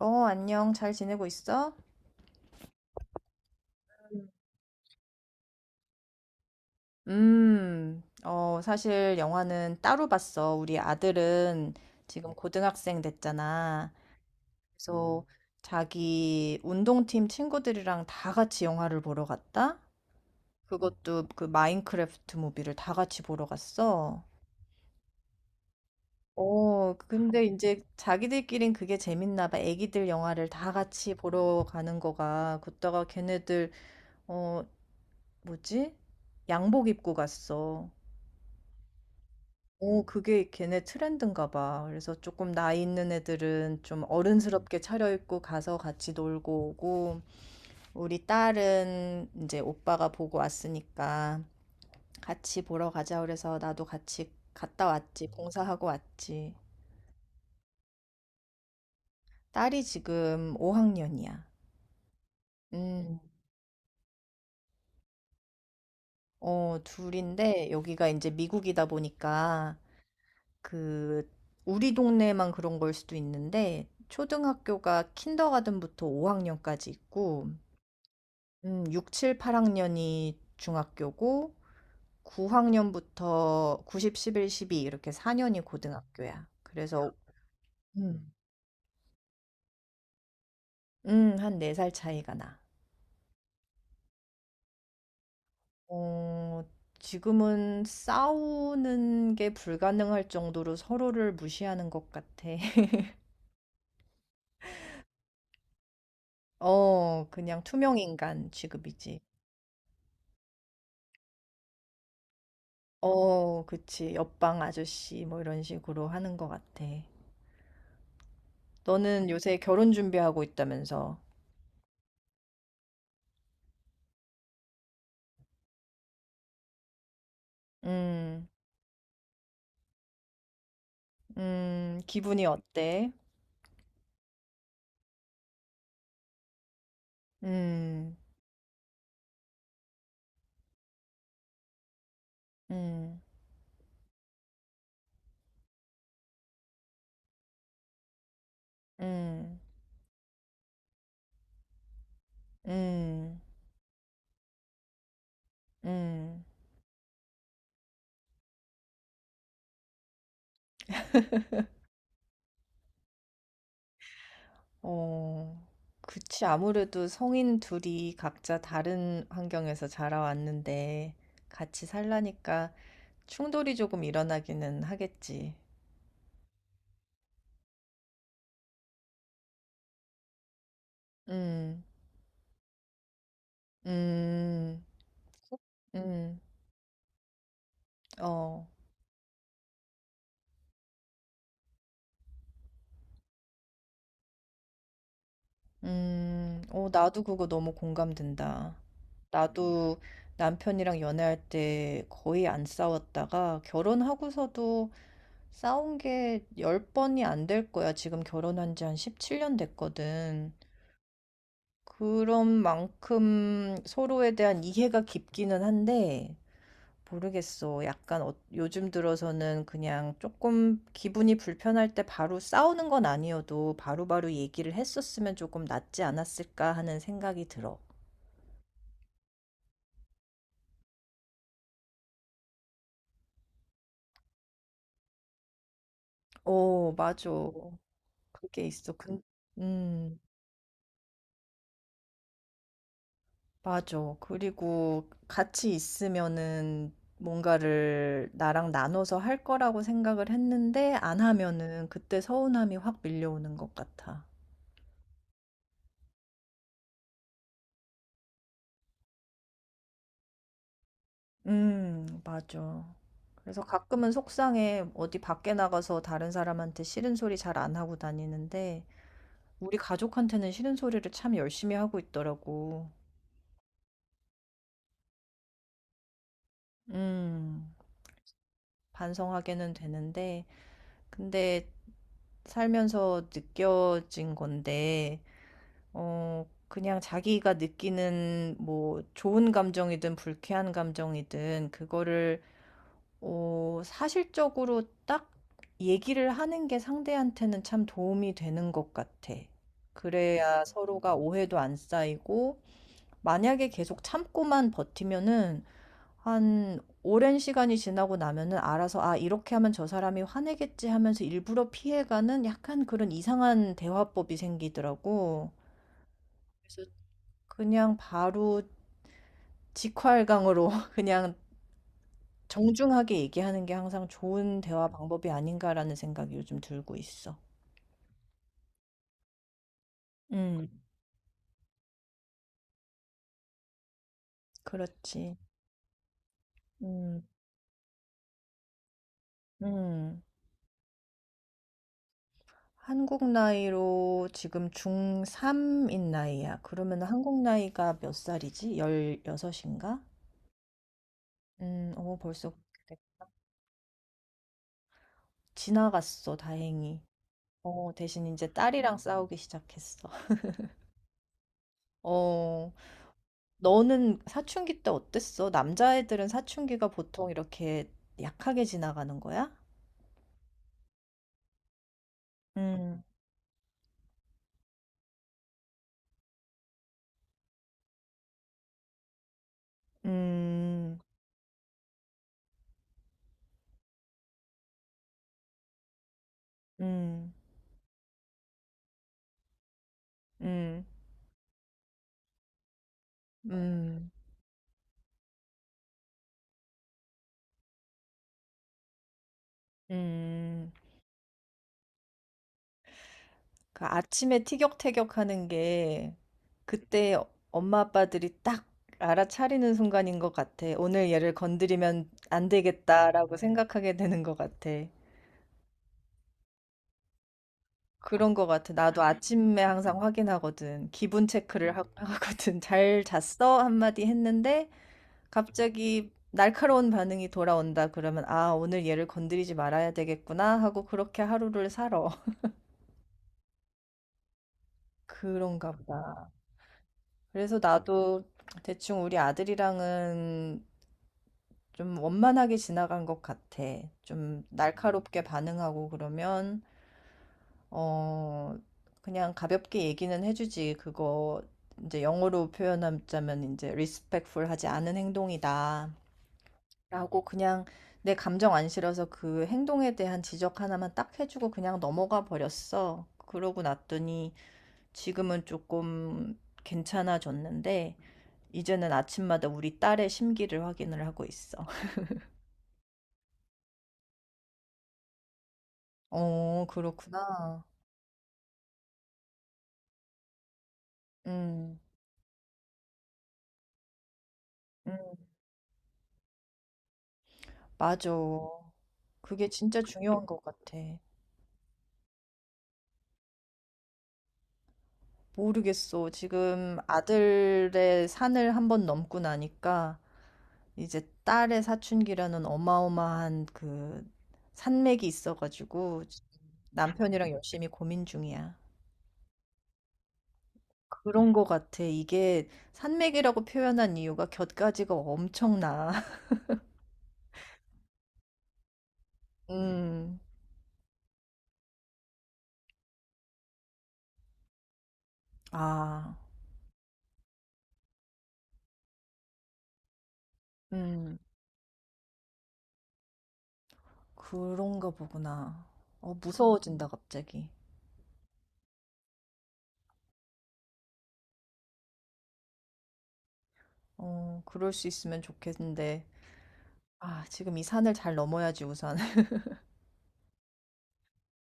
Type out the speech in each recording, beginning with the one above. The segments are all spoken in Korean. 어, 안녕. 잘 지내고 있어? 사실 영화는 따로 봤어. 우리 아들은 지금 고등학생 됐잖아. 그래서 자기 운동팀 친구들이랑 다 같이 영화를 보러 갔다? 그것도 그 마인크래프트 무비를 다 같이 보러 갔어. 근데 이제 자기들끼린 그게 재밌나 봐. 애기들 영화를 다 같이 보러 가는 거가. 그다가 걔네들, 어, 뭐지? 양복 입고 갔어. 그게 걔네 트렌드인가 봐. 그래서 조금 나이 있는 애들은 좀 어른스럽게 차려입고 가서 같이 놀고 오고. 우리 딸은 이제 오빠가 보고 왔으니까 "같이 보러 가자." 그래서 나도 같이 갔다 왔지. 봉사하고 왔지. 딸이 지금 5 학년이야. 음. 둘 인데 여기가 이제 미국이다 보니까 그 우리 동네만 그런 걸 수도 있는데 초등학교가 킨더가든 부터 5 학년까지 있고 6-7-8 학년이 중학교고 9 학년부터 90-11-12 이렇게 4 년이 고등학교야. 그래서 음. 한 4살 차이가 나. 어 지금은 싸우는 게 불가능할 정도로 서로를 무시하는 것 같아. 그냥 투명 인간 취급이지. 그치. 옆방 아저씨 뭐 이런 식으로 하는 것 같아. 너는 요새 결혼 준비하고 있다면서. 음. 기분이 어때? 음, 음, 음, 음, 음. 어, 그치. 아무래도 성인 둘이 각자 다른 환경에서 자라왔는데 같이 살라니까 충돌이 조금 일어나기는 하겠지. 음, 음, 음, 어. 나도 그거 너무 공감된다. 나도 남편이랑 연애할 때 거의 안 싸웠다가 결혼하고서도 싸운 게 10번이 안 될 거야. 지금 결혼한 지 한 17년 됐거든. 그런 만큼 서로에 대한 이해가 깊기는 한데, 모르겠어. 약간 요즘 들어서는 그냥 조금 기분이 불편할 때 바로 싸우는 건 아니어도 바로바로 얘기를 했었으면 조금 낫지 않았을까 하는 생각이 들어. 어, 맞아. 그게 있어. 음, 맞아. 그리고 같이 있으면은 뭔가를 나랑 나눠서 할 거라고 생각을 했는데 안 하면은 그때 서운함이 확 밀려오는 것 같아. 맞아. 그래서 가끔은 속상해. 어디 밖에 나가서 다른 사람한테 싫은 소리 잘 안 하고 다니는데, 우리 가족한테는 싫은 소리를 참 열심히 하고 있더라고. 음, 반성하게는 되는데, 근데 살면서 느껴진 건데, 그냥 자기가 느끼는 뭐 좋은 감정이든 불쾌한 감정이든 그거를 사실적으로 딱 얘기를 하는 게 상대한테는 참 도움이 되는 것 같아. 그래야 서로가 오해도 안 쌓이고, 만약에 계속 참고만 버티면은, 한 오랜 시간이 지나고 나면은 알아서, 아, 이렇게 하면 저 사람이 화내겠지 하면서 일부러 피해가는 약간 그런 이상한 대화법이 생기더라고. 그래서 그냥 바로 직활강으로 그냥 정중하게 얘기하는 게 항상 좋은 대화 방법이 아닌가라는 생각이 요즘 들고 있어. 음, 그렇지. 음, 음. 한국 나이로 지금 중3인 나이야. 그러면 한국 나이가 몇 살이지? 16인가? 벌써 그렇게 됐- 지나갔어, 다행히. 대신 이제 딸이랑 싸우기 시작했어. 어, 너는 사춘기 때 어땠어? 남자애들은 사춘기가 보통 이렇게 약하게 지나가는 거야? 음. 음. 음. 음. 음. 음. 그 아침에 티격태격하는 게 그때 엄마 아빠들이 딱 알아차리는 순간인 것 같아. 오늘 얘를 건드리면 안 되겠다라고 생각하게 되는 것 같아. 그런 것 같아. 나도 아침에 항상 확인하거든. 기분 체크를 하거든. 잘 잤어? 한마디 했는데 갑자기 날카로운 반응이 돌아온다 그러면 아, 오늘 얘를 건드리지 말아야 되겠구나 하고 그렇게 하루를 살아. 그런가 보다. 그래서 나도 대충 우리 아들이랑은 좀 원만하게 지나간 것 같아. 좀 날카롭게 반응하고 그러면, 어, 그냥 가볍게 얘기는 해주지. 그거 이제 영어로 표현하자면 이제 respectful 하지 않은 행동이다, 라고 그냥 내 감정 안 실어서 그 행동에 대한 지적 하나만 딱 해주고 그냥 넘어가 버렸어. 그러고 났더니 지금은 조금 괜찮아졌는데, 이제는 아침마다 우리 딸의 심기를 확인을 하고 있어. 어, 그렇구나. 음, 음, 맞아. 그게 진짜 중요한 것 같아. 모르겠어. 지금 아들의 산을 한번 넘고 나니까 이제 딸의 사춘기라는 어마어마한 그 산맥이 있어가지고 남편이랑 열심히 고민 중이야. 그런 것 같아. 이게 산맥이라고 표현한 이유가 곁가지가 엄청나. 음, 아. 음, 그런가 보구나. 무서워진다, 갑자기. 그럴 수 있으면 좋겠는데. 아, 지금 이 산을 잘 넘어야지, 우선.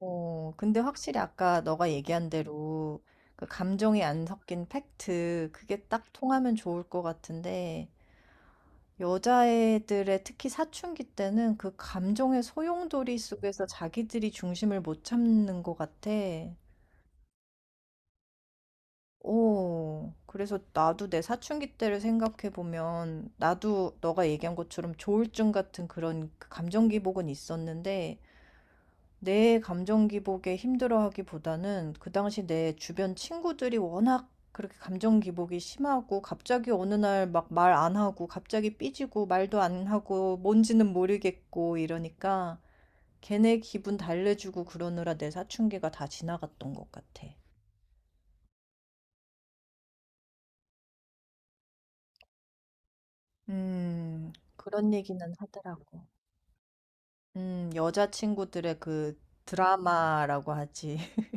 근데 확실히 아까 너가 얘기한 대로 그 감정이 안 섞인 팩트, 그게 딱 통하면 좋을 것 같은데, 여자애들의 특히 사춘기 때는 그 감정의 소용돌이 속에서 자기들이 중심을 못 잡는 것 같아. 오, 그래서 나도 내 사춘기 때를 생각해보면, 나도 너가 얘기한 것처럼 조울증 같은 그런 그 감정 기복은 있었는데, 내 감정 기복에 힘들어하기보다는 그 당시 내 주변 친구들이 워낙 그렇게 감정 기복이 심하고, 갑자기 어느 날 막 말 안 하고, 갑자기 삐지고, 말도 안 하고, 뭔지는 모르겠고, 이러니까, 걔네 기분 달래주고 그러느라 내 사춘기가 다 지나갔던 것 같아. 그런 얘기는 하더라고. 여자친구들의 그 드라마라고 하지.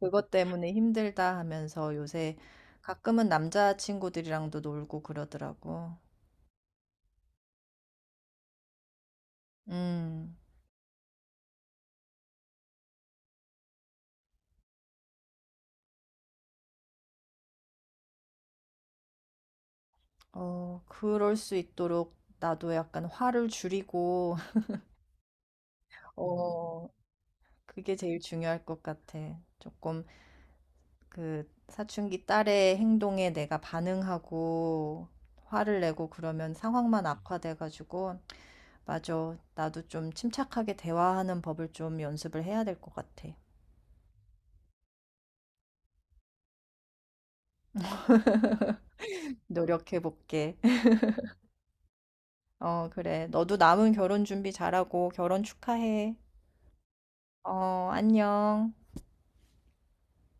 그것 때문에 힘들다 하면서 요새 가끔은 남자친구들이랑도 놀고 그러더라고. 음. 그럴 수 있도록 나도 약간 화를 줄이고. 어 그게 제일 중요할 것 같아. 조금 그 사춘기 딸의 행동에 내가 반응하고 화를 내고 그러면 상황만 악화돼 가지고 맞아. 나도 좀 침착하게 대화하는 법을 좀 연습을 해야 될 것 같아. 노력해 볼게. 그래. 너도 남은 결혼 준비 잘하고 결혼 축하해. 안녕.